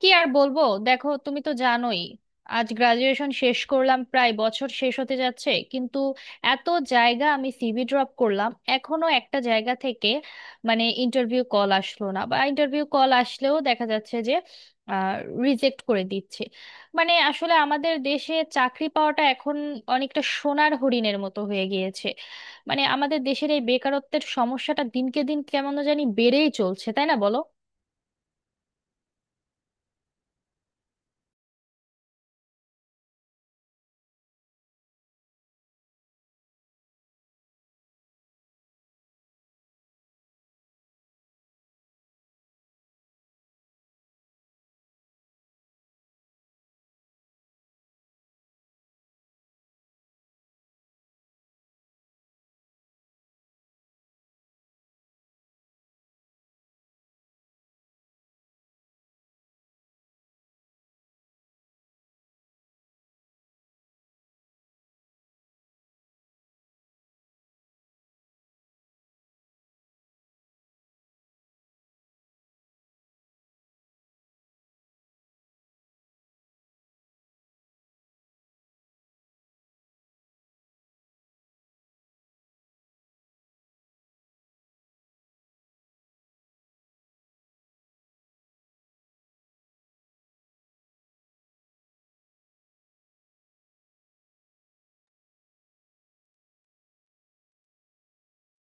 কি আর বলবো। দেখো, তুমি তো জানোই, আজ গ্রাজুয়েশন শেষ করলাম, প্রায় বছর শেষ হতে যাচ্ছে, কিন্তু এত জায়গা আমি সিভি ড্রপ করলাম, এখনো একটা জায়গা থেকে ইন্টারভিউ কল আসলো না, বা ইন্টারভিউ কল আসলেও দেখা যাচ্ছে যে রিজেক্ট করে দিচ্ছে। আসলে আমাদের দেশে চাকরি পাওয়াটা এখন অনেকটা সোনার হরিণের মতো হয়ে গিয়েছে। আমাদের দেশের এই বেকারত্বের সমস্যাটা দিনকে দিন কেমন জানি বেড়েই চলছে, তাই না বলো?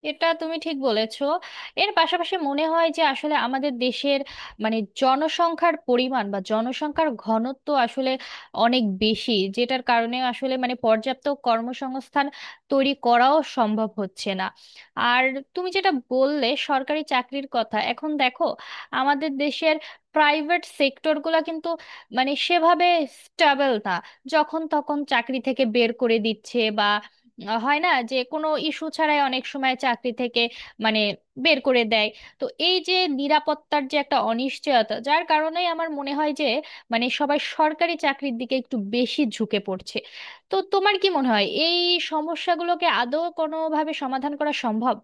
এটা তুমি ঠিক বলেছো। এর পাশাপাশি মনে হয় যে আসলে আমাদের দেশের জনসংখ্যার পরিমাণ বা জনসংখ্যার ঘনত্ব আসলে অনেক বেশি, যেটার কারণে আসলে পর্যাপ্ত কর্মসংস্থান তৈরি করাও সম্ভব হচ্ছে না। আর তুমি যেটা বললে সরকারি চাকরির কথা, এখন দেখো, আমাদের দেশের প্রাইভেট সেক্টরগুলো কিন্তু সেভাবে স্টেবল না, যখন তখন চাকরি থেকে বের করে দিচ্ছে। হয় না যে, কোনো ইস্যু ছাড়াই অনেক সময় চাকরি থেকে মানে বের করে দেয়। তো এই যে নিরাপত্তার যে একটা অনিশ্চয়তা, যার কারণেই আমার মনে হয় যে সবাই সরকারি চাকরির দিকে একটু বেশি ঝুঁকে পড়ছে। তো তোমার কি মনে হয়, এই সমস্যাগুলোকে আদৌ কোনোভাবে সমাধান করা সম্ভব?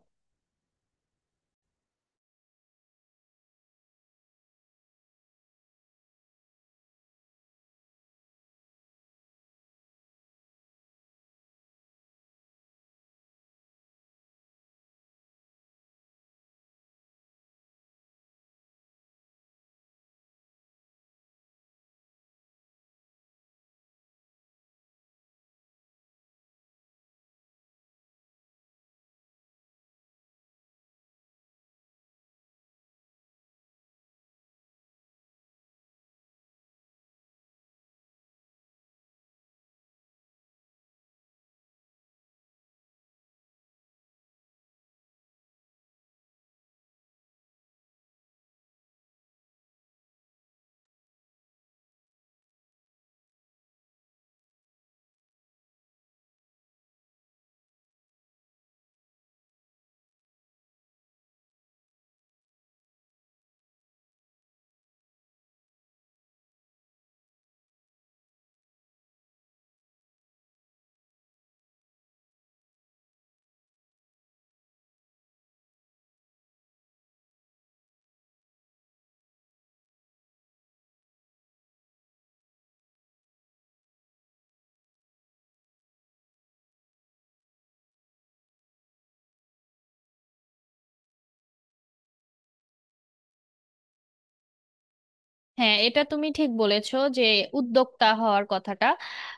হ্যাঁ, এটা তুমি ঠিক বলেছো, যে উদ্যোক্তা হওয়ার কথাটা।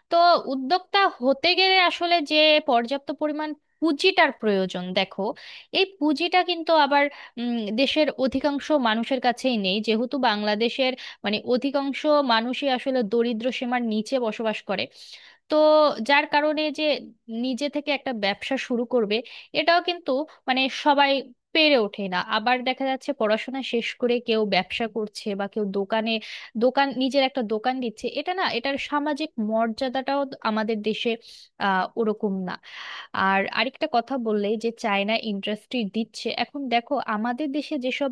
তো উদ্যোক্তা হতে গেলে আসলে যে পর্যাপ্ত পরিমাণ পুঁজিটার প্রয়োজন, দেখো এই পুঁজিটা কিন্তু আবার দেশের অধিকাংশ মানুষের কাছেই নেই, যেহেতু বাংলাদেশের অধিকাংশ মানুষই আসলে দরিদ্র সীমার নিচে বসবাস করে। তো যার কারণে যে নিজে থেকে একটা ব্যবসা শুরু করবে, এটাও কিন্তু সবাই পেরে ওঠে না। আবার দেখা যাচ্ছে পড়াশোনা শেষ করে কেউ ব্যবসা করছে বা কেউ দোকানে নিজের একটা দোকান দিচ্ছে, এটা না, এটার সামাজিক মর্যাদাটাও আমাদের দেশে ওরকম না। আর আরেকটা কথা বললে যে চায়না ইন্ডাস্ট্রি দিচ্ছে, এখন দেখো আমাদের দেশে যেসব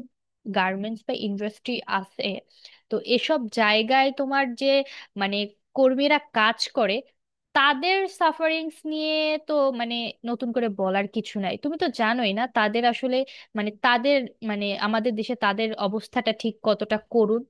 গার্মেন্টস বা ইন্ডাস্ট্রি আছে, তো এসব জায়গায় তোমার যে মানে কর্মীরা কাজ করে, তাদের সাফারিংস নিয়ে তো মানে নতুন করে বলার কিছু নাই, তুমি তো জানোই না তাদের আসলে মানে তাদের মানে আমাদের দেশে তাদের অবস্থাটা ঠিক কতটা করুণ।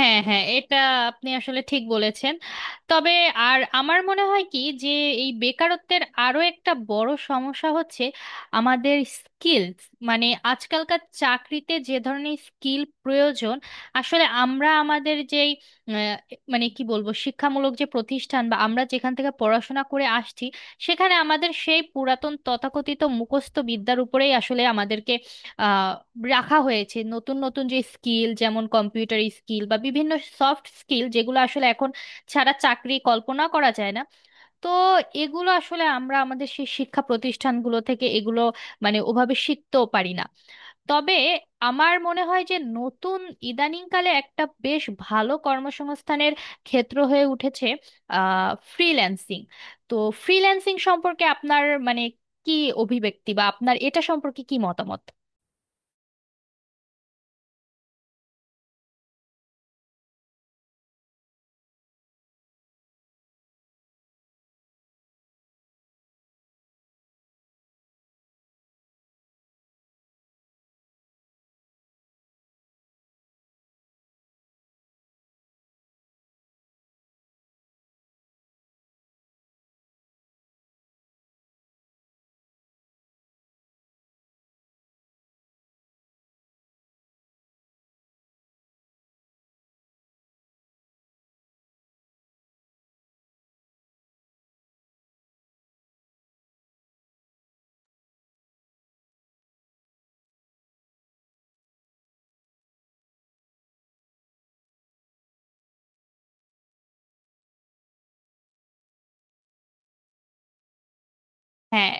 হ্যাঁ হ্যাঁ, এটা আপনি আসলে ঠিক বলেছেন। তবে আর আমার মনে হয় কি, যে এই বেকারত্বের আরো একটা বড় সমস্যা হচ্ছে আমাদের স্কিলস। মানে আজকালকার চাকরিতে যে ধরনের স্কিল প্রয়োজন, আসলে আমরা আমাদের যেই আহ, মানে কি বলবো শিক্ষামূলক যে প্রতিষ্ঠান বা আমরা যেখান থেকে পড়াশোনা করে আসছি, সেখানে আমাদের সেই পুরাতন তথাকথিত মুখস্থ বিদ্যার উপরেই আসলে আমাদেরকে আহ রাখা হয়েছে। নতুন নতুন যে স্কিল, যেমন কম্পিউটার স্কিল বা বিভিন্ন সফট স্কিল, যেগুলো আসলে এখন ছাড়া চাকরি কল্পনা করা যায় না, তো এগুলো আসলে আমরা আমাদের সেই শিক্ষা প্রতিষ্ঠানগুলো থেকে এগুলো ওভাবে শিখতেও পারি না। তবে আমার মনে হয় যে নতুন ইদানিংকালে একটা বেশ ভালো কর্মসংস্থানের ক্ষেত্র হয়ে উঠেছে, ফ্রিল্যান্সিং। তো ফ্রিল্যান্সিং সম্পর্কে আপনার কি অভিব্যক্তি, বা আপনার এটা সম্পর্কে কি মতামত? হ্যাঁ,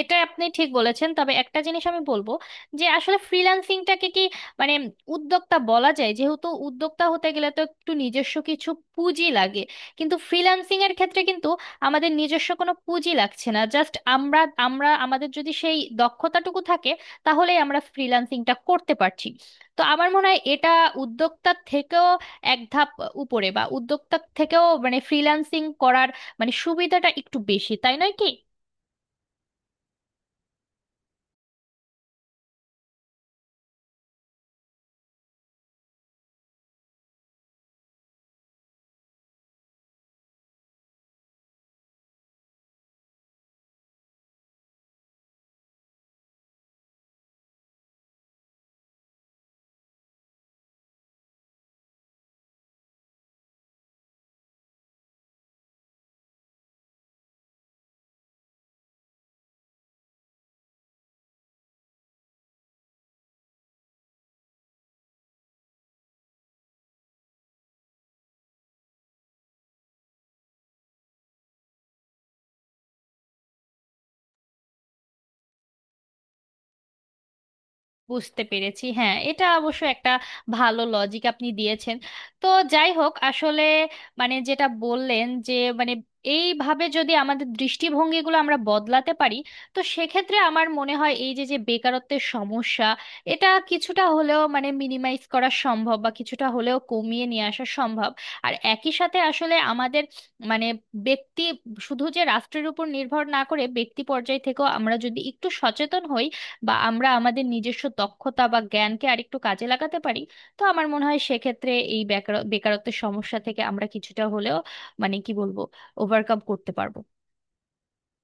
এটা আপনি ঠিক বলেছেন। তবে একটা জিনিস আমি বলবো, যে আসলে ফ্রিল্যান্সিংটাকে কি মানে উদ্যোক্তা বলা যায়? যেহেতু উদ্যোক্তা হতে গেলে তো একটু নিজস্ব কিছু পুঁজি লাগে, কিন্তু ফ্রিল্যান্সিং এর ক্ষেত্রে কিন্তু আমাদের নিজস্ব কোনো পুঁজি লাগছে না, জাস্ট আমরা আমরা আমাদের যদি সেই দক্ষতাটুকু থাকে, তাহলেই আমরা ফ্রিল্যান্সিংটা করতে পারছি। তো আমার মনে হয় এটা উদ্যোক্তার থেকেও এক ধাপ উপরে, বা উদ্যোক্তার থেকেও ফ্রিল্যান্সিং করার সুবিধাটা একটু বেশি, তাই নয় কি? বুঝতে পেরেছি। হ্যাঁ, এটা অবশ্য একটা ভালো লজিক আপনি দিয়েছেন। তো যাই হোক, আসলে মানে যেটা বললেন যে মানে এইভাবে যদি আমাদের দৃষ্টিভঙ্গিগুলো আমরা বদলাতে পারি, তো সেক্ষেত্রে আমার মনে হয় এই যে যে বেকারত্বের সমস্যা, এটা কিছুটা হলেও মিনিমাইজ করা সম্ভব, বা কিছুটা হলেও কমিয়ে নিয়ে আসা সম্ভব। আর একই সাথে আসলে আমাদের মানে ব্যক্তি শুধু যে রাষ্ট্রের উপর নির্ভর না করে, ব্যক্তি পর্যায় থেকেও আমরা যদি একটু সচেতন হই, বা আমরা আমাদের নিজস্ব দক্ষতা বা জ্ঞানকে আরেকটু কাজে লাগাতে পারি, তো আমার মনে হয় সেক্ষেত্রে এই বেকারত্বের সমস্যা থেকে আমরা কিছুটা হলেও মানে কি বলবো ওভারকাম করতে পারবো।